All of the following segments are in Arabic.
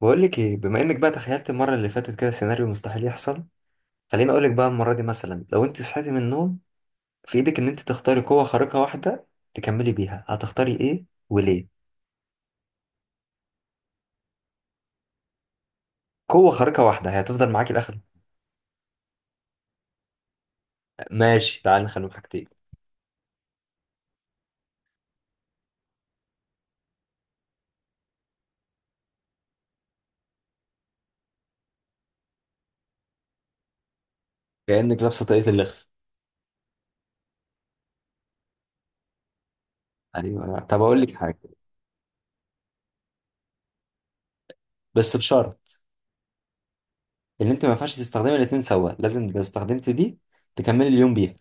بقول لك ايه؟ بما انك بقى تخيلت المره اللي فاتت كده سيناريو مستحيل يحصل، خليني اقول لك بقى. المره دي مثلا لو انت صحيتي من النوم في ايدك ان انت تختاري قوه خارقه واحده تكملي بيها، هتختاري ايه وليه؟ قوه خارقه واحده هي هتفضل معاكي لاخر. ماشي، تعال نخليهم حاجتين. كأنك لابسة طاقية اللخف. ايوه طب اقول لك حاجة، بس بشرط ان انت ما ينفعش تستخدمي الاتنين سوا. لازم لو استخدمت دي تكملي اليوم بيها.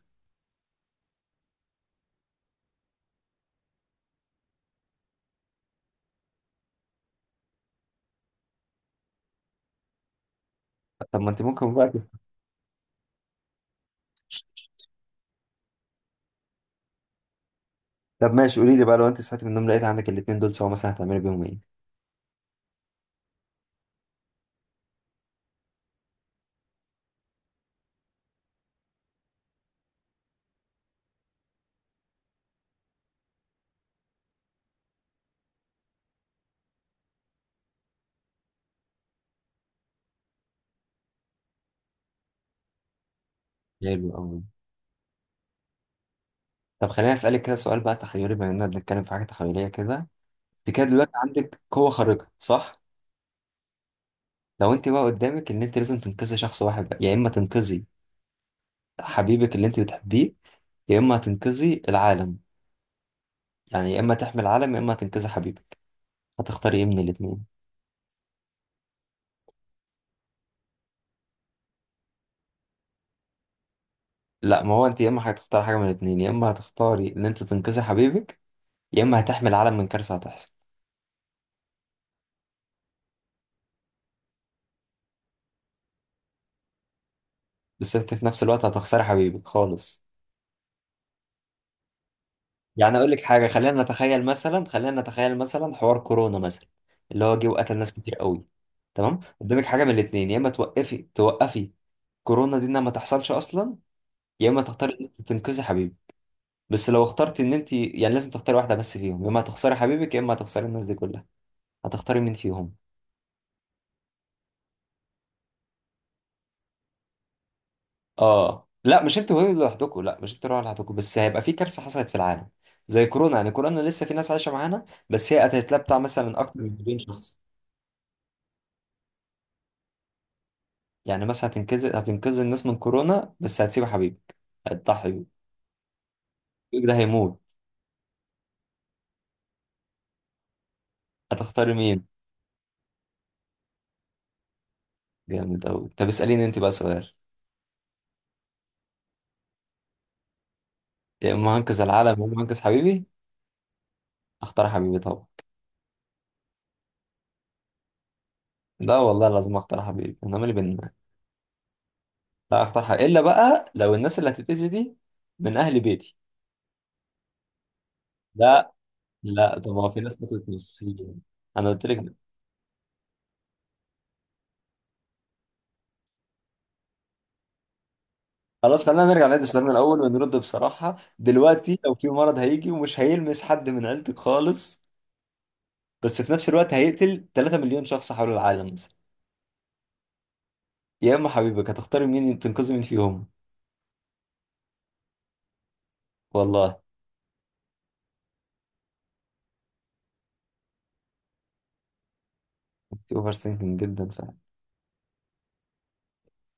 طب ما انت ممكن بقى تست... طب ماشي، قولي لي بقى، لو انت صحيتي من النوم لقيت عندك الاتنين دول سوا مثلا هتعملي بيهم ايه؟ حلو قوي. طب خليني اسالك كده سؤال بقى. تخيلي، بما اننا بنتكلم في حاجه تخيليه كده، انت كده دلوقتي عندك قوه خارقه، صح؟ لو انت بقى قدامك ان انت لازم تنقذي شخص واحد بقى، يا اما تنقذي حبيبك اللي انت بتحبيه، يا اما تنقذي العالم. يعني يا اما تحمي العالم يا اما تنقذي حبيبك، هتختاري ايه من الاثنين؟ لا، ما هو انت يا اما هتختاري حاجه من الاثنين، يا اما هتختاري ان انت تنقذي حبيبك، يا اما هتحمي العالم من كارثه هتحصل. بس انت في نفس الوقت هتخسري حبيبك خالص. يعني اقول لك حاجه، خلينا نتخيل مثلا، خلينا نتخيل مثلا حوار كورونا مثلا اللي هو جه وقتل ناس كتير قوي. تمام، قدامك حاجه من الاثنين يا اما توقفي توقفي كورونا دي انها ما تحصلش اصلا، يا اما تختاري ان انت تنقذي حبيبي. بس لو اخترتي ان انت، يعني لازم تختاري واحده بس فيهم، يا اما هتخسري حبيبك يا اما هتخسري الناس دي كلها، هتختاري مين فيهم؟ اه لا، مش انت وهي لوحدكم، لا مش انت لوحدكم، بس هيبقى في كارثه حصلت في العالم زي كورونا. يعني كورونا لسه في ناس عايشه معانا، بس هي قتلت لها بتاع مثلا اكتر من مليون شخص. يعني مثلا هتنقذ الناس من كورونا بس هتسيب حبيبك، هتضحي بيه. حبيبك ده هيموت. هتختاري مين؟ جامد أوي. طب اسأليني انت بقى سؤال. يا اما هنقذ العالم يا اما هنقذ حبيبي. اختار حبيبي طبعا. لا والله لازم اختار حبيبي، انا مالي بينا. لا اختار حبيبي، الا بقى لو الناس اللي هتتأذي دي من اهل بيتي. لا. لا، طب ما هو في ناس ماتت نصين، انا قلت لك ده. خلاص خلينا نرجع نعيد سؤالنا الاول ونرد بصراحة. دلوقتي لو في مرض هيجي ومش هيلمس حد من عيلتك خالص، بس في نفس الوقت هيقتل 3 مليون شخص حول العالم مثلا، يا اما حبيبك، هتختاري مين تنقذي مين فيهم؟ والله انت اوفر ثينكينج جدا فعلا.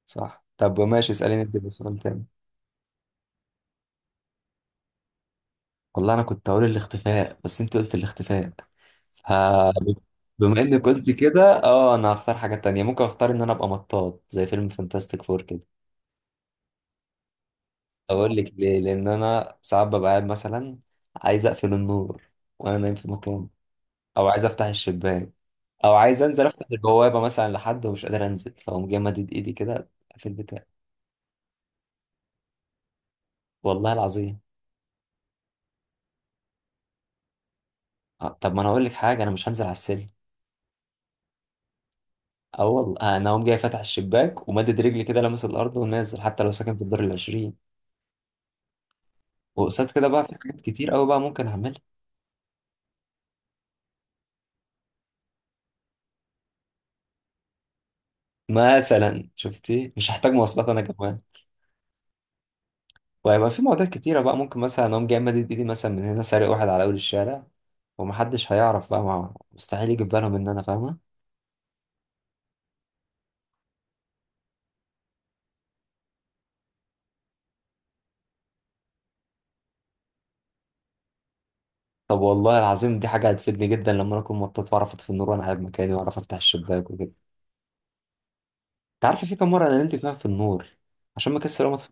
صح. طب ماشي، اساليني انت بقى سؤال تاني. والله انا كنت هقول الاختفاء بس انت قلت الاختفاء، ف بما انك قلت كده، اه انا هختار حاجة تانية. ممكن اختار ان انا ابقى مطاط زي فيلم فانتاستيك فور كده. اقول لك ليه، لان انا ساعات ببقى قاعد مثلا عايز اقفل النور وانا نايم في مكان، او عايز افتح الشباك، او عايز انزل افتح البوابه مثلا لحد ومش قادر انزل، فاقوم جاي مدد ايدي كده في البتاع. والله العظيم. طب ما انا اقول لك حاجه، انا مش هنزل على السلم. اه والله، انا اقوم جاي فاتح الشباك ومدد رجلي كده لامس الارض ونازل حتى لو ساكن في الدور العشرين. وقصاد كده بقى في حاجات كتير قوي بقى ممكن اعملها. مثلا شفتي، مش هحتاج مواصلات انا كمان. وهيبقى في مواضيع كتيره بقى، ممكن مثلا اقوم جاي مدد ايدي مثلا من هنا، سارق واحد على اول الشارع، ومحدش هيعرف بقى. مع مستحيل يجي في بالهم ان انا فاهمه. طب والله العظيم دي حاجة هتفيدني جدا لما أنا أكون مطاط، وأعرف أطفي النور وأنا قاعد مكاني، وأعرف أفتح الشباك وكده. أنت عارف في كام مرة أنا نمت فيها في النور عشان مكسر أقوم أطفي؟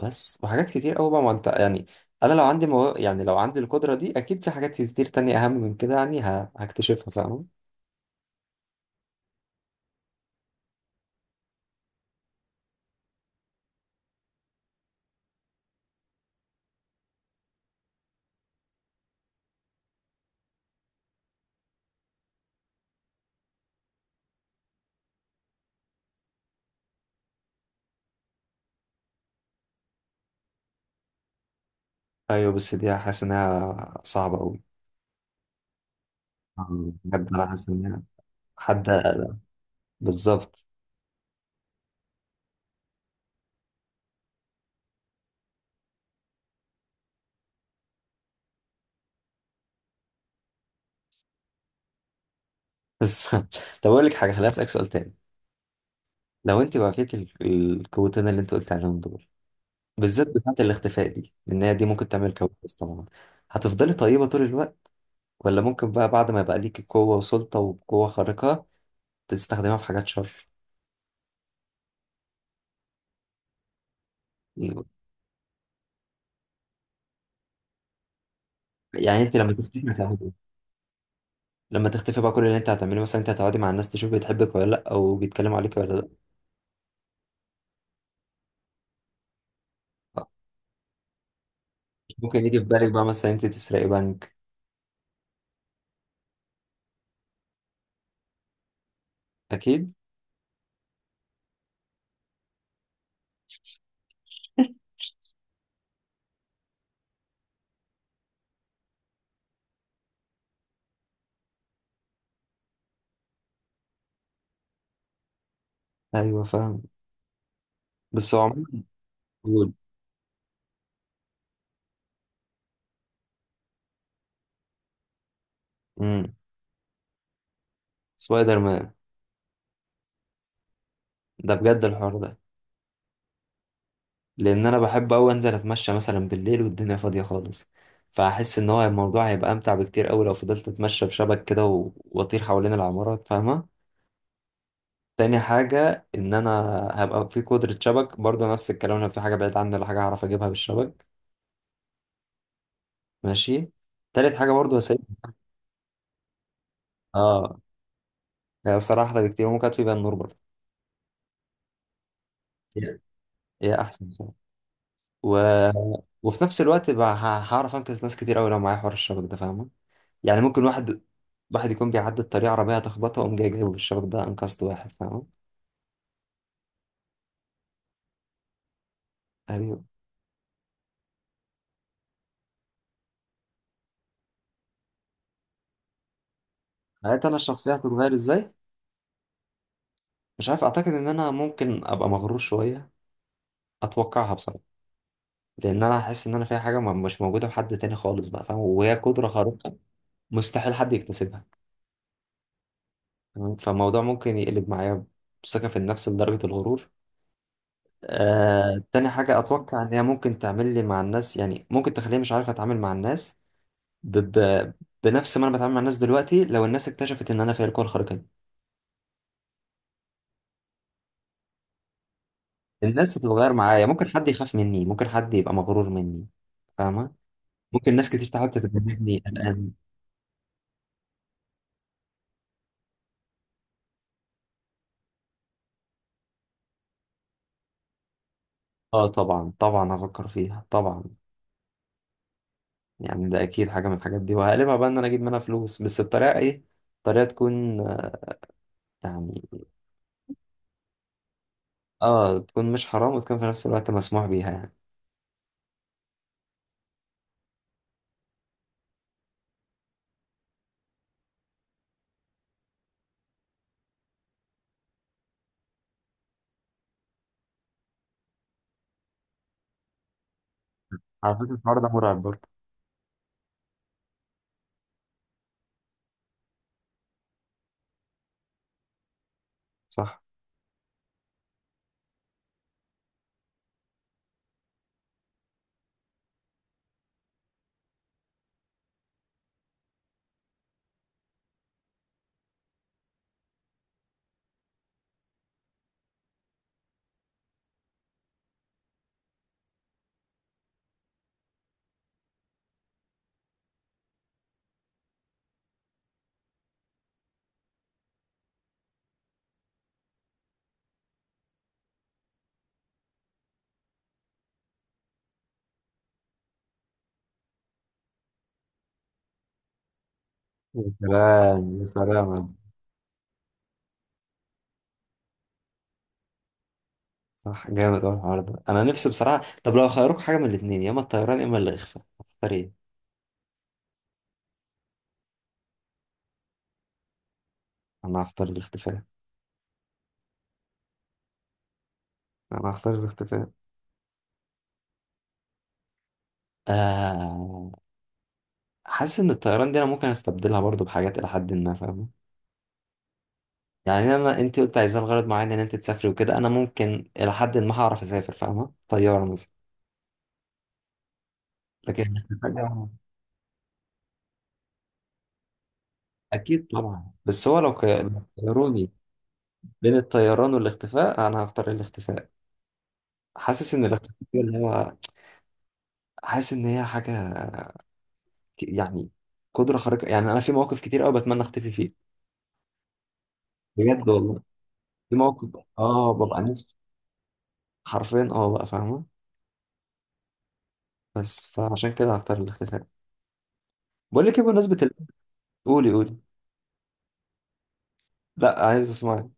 بس، وحاجات كتير أوي بقى، ما أنت يعني، أنا لو يعني لو عندي القدرة دي أكيد في حاجات كتير تانية أهم من كده يعني هكتشفها، فاهم؟ أيوه، بس دي حاسس إنها صعبة أوي. بجد أنا حاسس إنها، حد. بالظبط. بس طب أقول لك حاجة، خليني أسألك سؤال تاني. لو أنت بقى فيك القوتين اللي أنت قلت عليهم دول، بالذات بتاعة الاختفاء دي، لأن هي دي ممكن تعمل كوارث طبعا، هتفضلي طيبة طول الوقت ولا ممكن بقى بعد ما يبقى ليكي قوة وسلطة وقوة خارقة تستخدمها في حاجات شر؟ يعني انت لما تختفي هتعملي ايه؟ لما تختفي بقى كل اللي انت هتعمله مثلا انت هتقعدي مع الناس تشوف بتحبك ولا لا، او بيتكلموا عليك ولا لا. ممكن يجي في بالك بقى مثلا انت تسرقي بنك؟ اكيد. ايوه فاهم. بس هو عموما بيقول، امم، سبايدر مان. ده بجد الحوار ده. لان انا بحب اوي انزل اتمشى مثلا بالليل والدنيا فاضيه خالص، فاحس ان هو الموضوع هيبقى امتع بكتير اوي لو فضلت اتمشى بشبك كده واطير حوالين العمارات، فاهمه؟ تاني حاجه ان انا هبقى في قدره شبك برضه، نفس الكلام، لو في حاجه بعيد عني ولا حاجه هعرف اجيبها بالشبك. ماشي. تالت حاجه برضه هسيب. اه لا، بصراحه احلى بكتير، ممكن اطفي بيها النور برضه. هي هي احسن بصراحة. و... وفي نفس الوقت بقى هعرف انقذ ناس كتير اوي لو معايا حوار الشبك ده، فاهمه؟ يعني ممكن واحد يكون بيعدي الطريق، عربية تخبطه، وأقوم جاي جايبه بالشبك ده، أنقذت واحد، فاهم؟ أيوه. حياتي أنا الشخصية هتتغير إزاي؟ مش عارف، أعتقد إن أنا ممكن أبقى مغرور شوية، أتوقعها بصراحة، لأن أنا هحس إن أنا فيها حاجة مش موجودة في حد تاني خالص بقى، فاهم؟ وهي قدرة خارقة مستحيل حد يكتسبها. تمام؟ فالموضوع ممكن يقلب معايا ثقة في النفس لدرجة الغرور. تاني حاجة أتوقع إن هي ممكن تعمل لي مع الناس، يعني ممكن تخليني مش عارف أتعامل مع الناس ب... ب... بنفس ما انا بتعامل مع الناس دلوقتي، لو الناس اكتشفت ان انا فيا القوة الخارقة دي. الناس هتتغير معايا، ممكن حد يخاف مني، ممكن حد يبقى مغرور مني، فاهمة؟ ممكن ناس كتير تحاول تتجنبني الان. اه طبعا طبعا هفكر فيها طبعا. يعني ده اكيد حاجة من الحاجات دي، وهقلبها بقى ان انا اجيب منها فلوس، بس بطريقة ايه؟ طريقة تكون، يعني، اه تكون مش حرام وتكون في نفس الوقت مسموح بيها يعني. على فكرة الحوار ده مرعب برضه. صح. يا سلام يا سلام. صح، جامد أوي الحوار ده أنا نفسي بصراحة. طب لو خيروك حاجة من الاتنين، يا إما الطيران يا إما الاختفاء، هتختار إيه؟ أنا هختار الاختفاء أنا هختار الاختفاء. آه، حاسس إن الطيران دي أنا ممكن أستبدلها برضو بحاجات إلى حد ما، فاهمة؟ يعني أنا، أنت قلت عايزة لغرض معين إن أنت تسافري وكده، أنا ممكن إلى حد ما هعرف أسافر، فاهمة؟ طيارة مثلا. لكن الاختفاء ده، أكيد طبعا، بس هو لو لو خيروني بين الطيران والاختفاء أنا هختار الاختفاء. حاسس إن الاختفاء اللي هو، حاسس إن هي حاجة، يعني قدرة خارقة، يعني أنا في مواقف كتير أوي بتمنى أختفي فيه. بجد والله، في مواقف آه ببقى نفسي، حرفيا آه بقى، فاهمة؟ بس، فعشان كده هختار الاختفاء. بقول لك إيه بمناسبة قولي قولي. لا عايز أسمعك.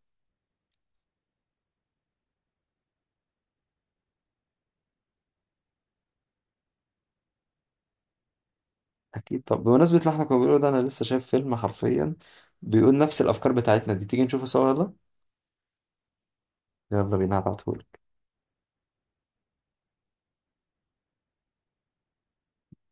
أكيد. طب بمناسبة اللي إحنا كنا بنقوله ده، أنا لسه شايف فيلم حرفيا بيقول نفس الأفكار بتاعتنا دي، تيجي نشوفه سوا يلا. يلا بينا هبعتهولك.